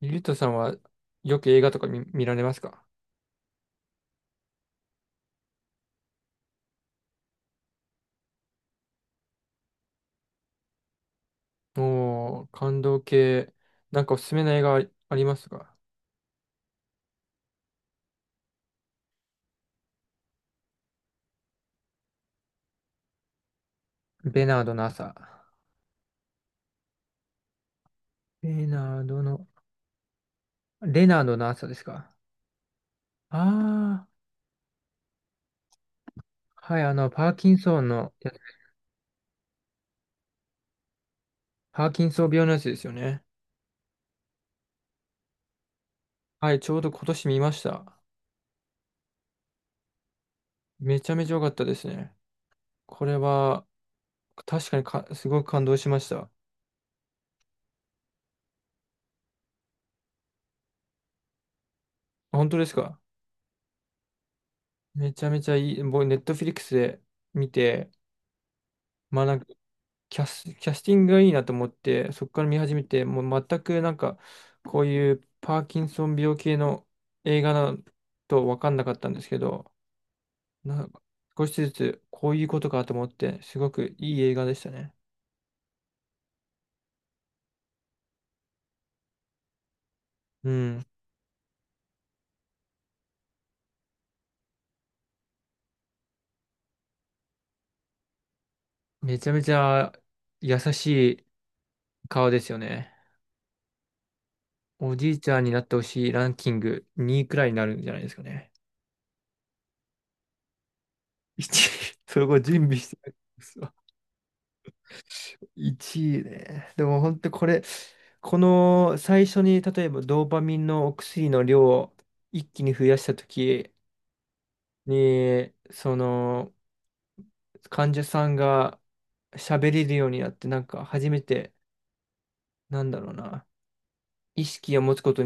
ゆうとさんはよく映画とか見られますか？おー、感動系。なんかおすすめの映画ありますか？ベナードの朝。ベナードの、レナードの朝ですか？ああー、はい、あの、パーキンソンのやつ。パーキンソン病のやつですよね。はい、ちょうど今年見ました。めちゃめちゃ良かったですね。これは、確かに、すごく感動しました。本当ですか？めちゃめちゃいい。僕、ネットフリックスで見て、まあなんかキャスティングがいいなと思って、そこから見始めて、もう全くなんか、こういうパーキンソン病系の映画なと分かんなかったんですけど、な少しずつこういうことかと思って、すごくいい映画でしたね。うん。めちゃめちゃ優しい顔ですよね。おじいちゃんになってほしいランキング2位くらいになるんじゃないですかね。1位、そこ準備してる。1位ね。でも本当これ、この最初に例えばドーパミンのお薬の量を一気に増やした時に、その患者さんが喋れるようになって、なんか初めて、なんだろうな、意識を持つこと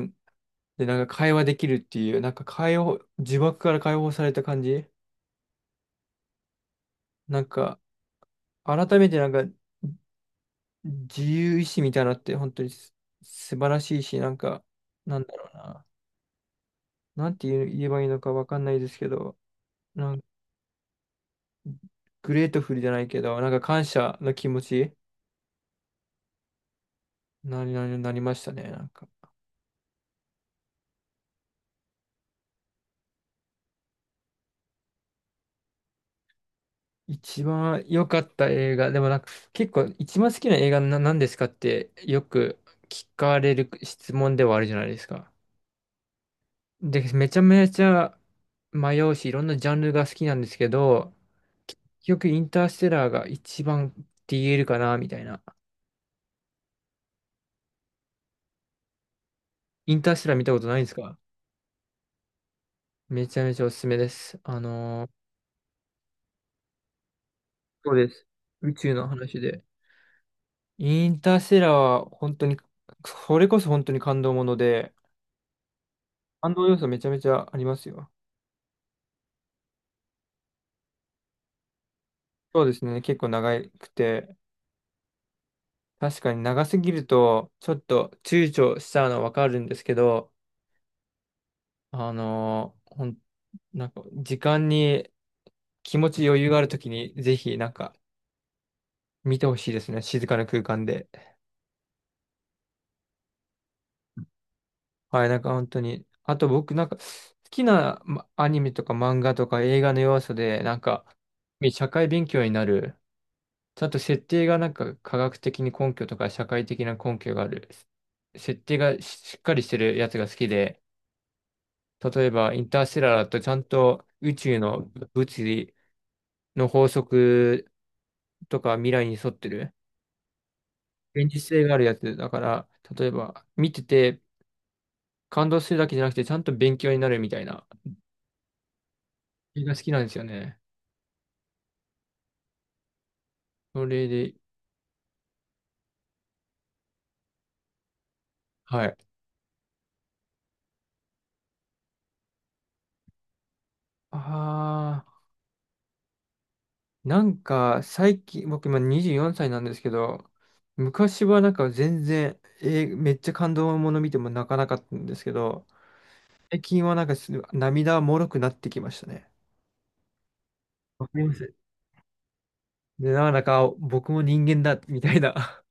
でなんか会話できるっていう、なんか呪縛から解放された感じ。なんか改めてなんか自由意志みたいなのって本当に素晴らしいし、なんか、なんだろうな。なんて言えばいいのかわかんないですけど、なんかグレートフルじゃないけど、なんか感謝の気持ちなになになりましたね。なんか、一番良かった映画、でもなんか結構一番好きな映画な何ですかってよく聞かれる質問ではあるじゃないですか。で、めちゃめちゃ迷うし、いろんなジャンルが好きなんですけど、結局インターステラーが一番って言えるかな、みたいな。インターステラー見たことないんですか？めちゃめちゃおすすめです。そうです。宇宙の話で。インターステラーは本当に、それこそ本当に感動もので、感動要素めちゃめちゃありますよ。そうですね、結構長くて、確かに長すぎると、ちょっと躊躇しちゃうのはわかるんですけど、あのーほん、なんか、時間に気持ち余裕があるときに、ぜひ、なんか、見てほしいですね、静かな空間で。はい、なんか本当に。あと僕なんか好きなアニメとか漫画とか映画の要素で、なんか社会勉強になる。ちゃんと設定がなんか科学的に根拠とか社会的な根拠がある。設定がしっかりしてるやつが好きで、例えばインターステラーだとちゃんと宇宙の物理の法則とか未来に沿ってる。現実性があるやつだから、例えば見てて感動するだけじゃなくてちゃんと勉強になるみたいな映画好きなんですよね。それで、はい。ああ、なんか最近、僕今24歳なんですけど、昔はなんか全然、めっちゃ感動もの見ても泣かなかったんですけど、最近はなんか涙もろくなってきましたね。わかります。で、なんだか僕も人間だ、みたいな。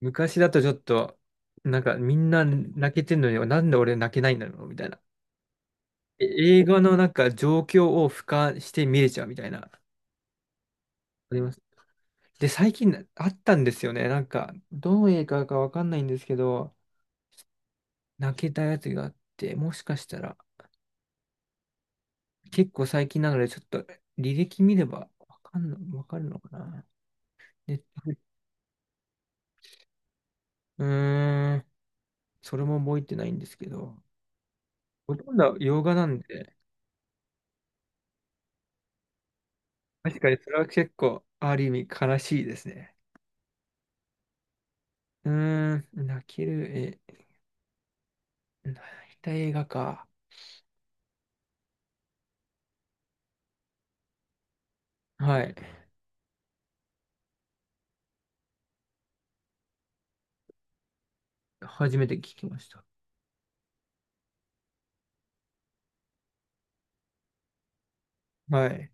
昔だとちょっと、なんかみんな泣けてんのに、なんで俺泣けないんだろう、みたいな。え映画のなんか状況を俯瞰して見れちゃうみたいな。あります。で、最近あったんですよね。なんか、どの映画かわかんないんですけど、泣けたやつがあって、もしかしたら、結構最近なので、ちょっと履歴見ればわかるのかな。ネットフリうーん、それも覚えてないんですけど、ほとんど洋画なんで、確かにそれは結構、ある意味悲しいですね。うーん、泣ける、え、泣いた映画か。はい。初めて聞きました。はい。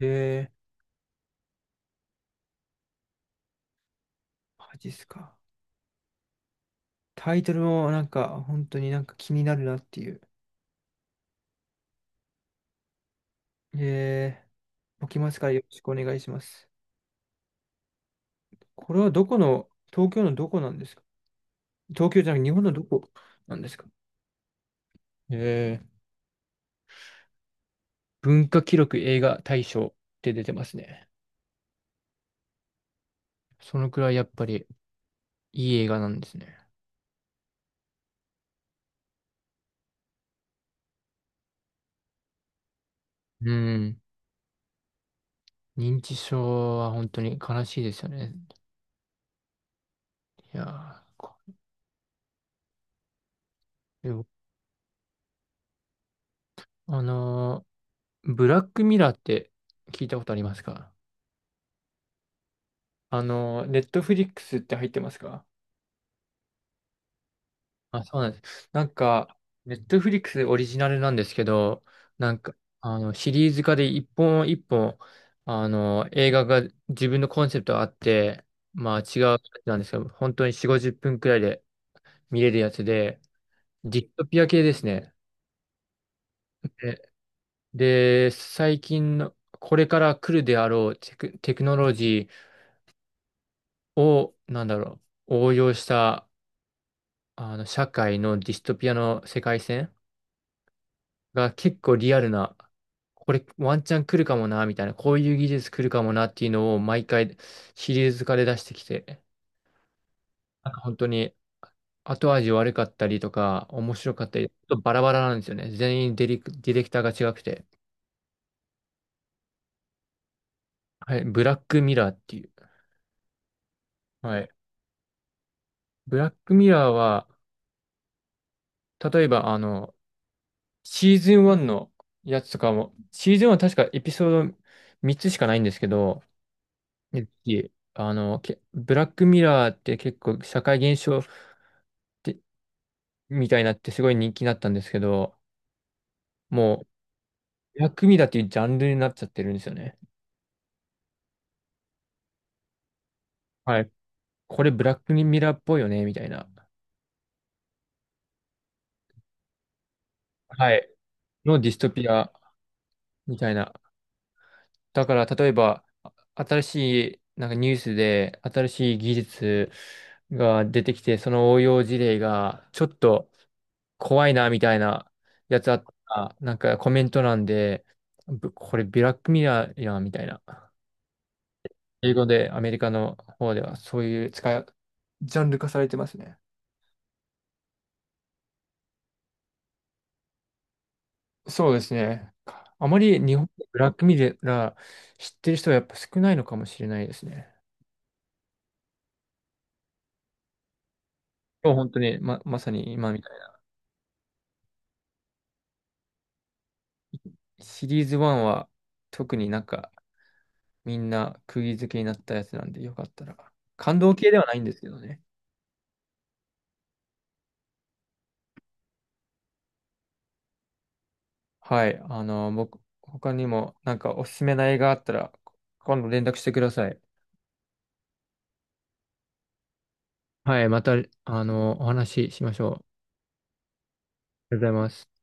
えー、マジっすか。タイトルもなんか、本当になんか気になるなっていう。え置きますからよろしくお願いします。これはどこの、東京のどこなんですか？東京じゃなくて日本のどこなんですか？えー、文化記録映画大賞って出てますね。そのくらいやっぱりいい映画なんですね。うん。認知症は本当に悲しいですよね。いやー、でもあのブラックミラーって聞いたことありますか？ネットフリックスって入ってますか？あ、そうなんです。なんか、ネットフリックスオリジナルなんですけど、なんか、あの、シリーズ化で一本一本、あの、映画が自分のコンセプトがあって、まあ違うやつなんですけど、本当に4、50分くらいで見れるやつで、ディストピア系ですね。で、最近の、これから来るであろうテクノロジーを、なんだろう、応用した、あの、社会のディストピアの世界線が結構リアルな、これワンチャン来るかもな、みたいな、こういう技術来るかもなっていうのを毎回シリーズ化で出してきて、なんか本当に後味悪かったりとか、面白かったり、ちょっとバラバラなんですよね。全員ディレクターが違くて。はい、ブラックミラーっていう。はい。ブラックミラーは、例えばあの、シーズン1のやつとかも、シーズン1は確かエピソード3つしかないんですけど、えあの、けブラックミラーって結構社会現象て、みたいになってすごい人気になったんですけど、もう、ブラックミラーっていうジャンルになっちゃってるんですよね。はい。これブラックミラーっぽいよね、みたいな。はい。のディストピア、みたいな。だから、例えば、あ新しい、なんかニュースで、新しい技術が出てきて、その応用事例が、ちょっと怖いな、みたいなやつあったら、なんかコメント欄で、これブラックミラーやん、みたいな。英語でアメリカの方ではそういうジャンル化されてますね。そうですね。あまり日本でブラックミラー知ってる人はやっぱ少ないのかもしれないですね。そう本当にまさに今みたいに。シリーズ1は特になんかみんな釘付けになったやつなんでよかったら。感動系ではないんですけどね。はい。僕、他にもなんかおすすめな映画あったら今度連絡してください。はい。また、お話ししましょう。ありがとうございます。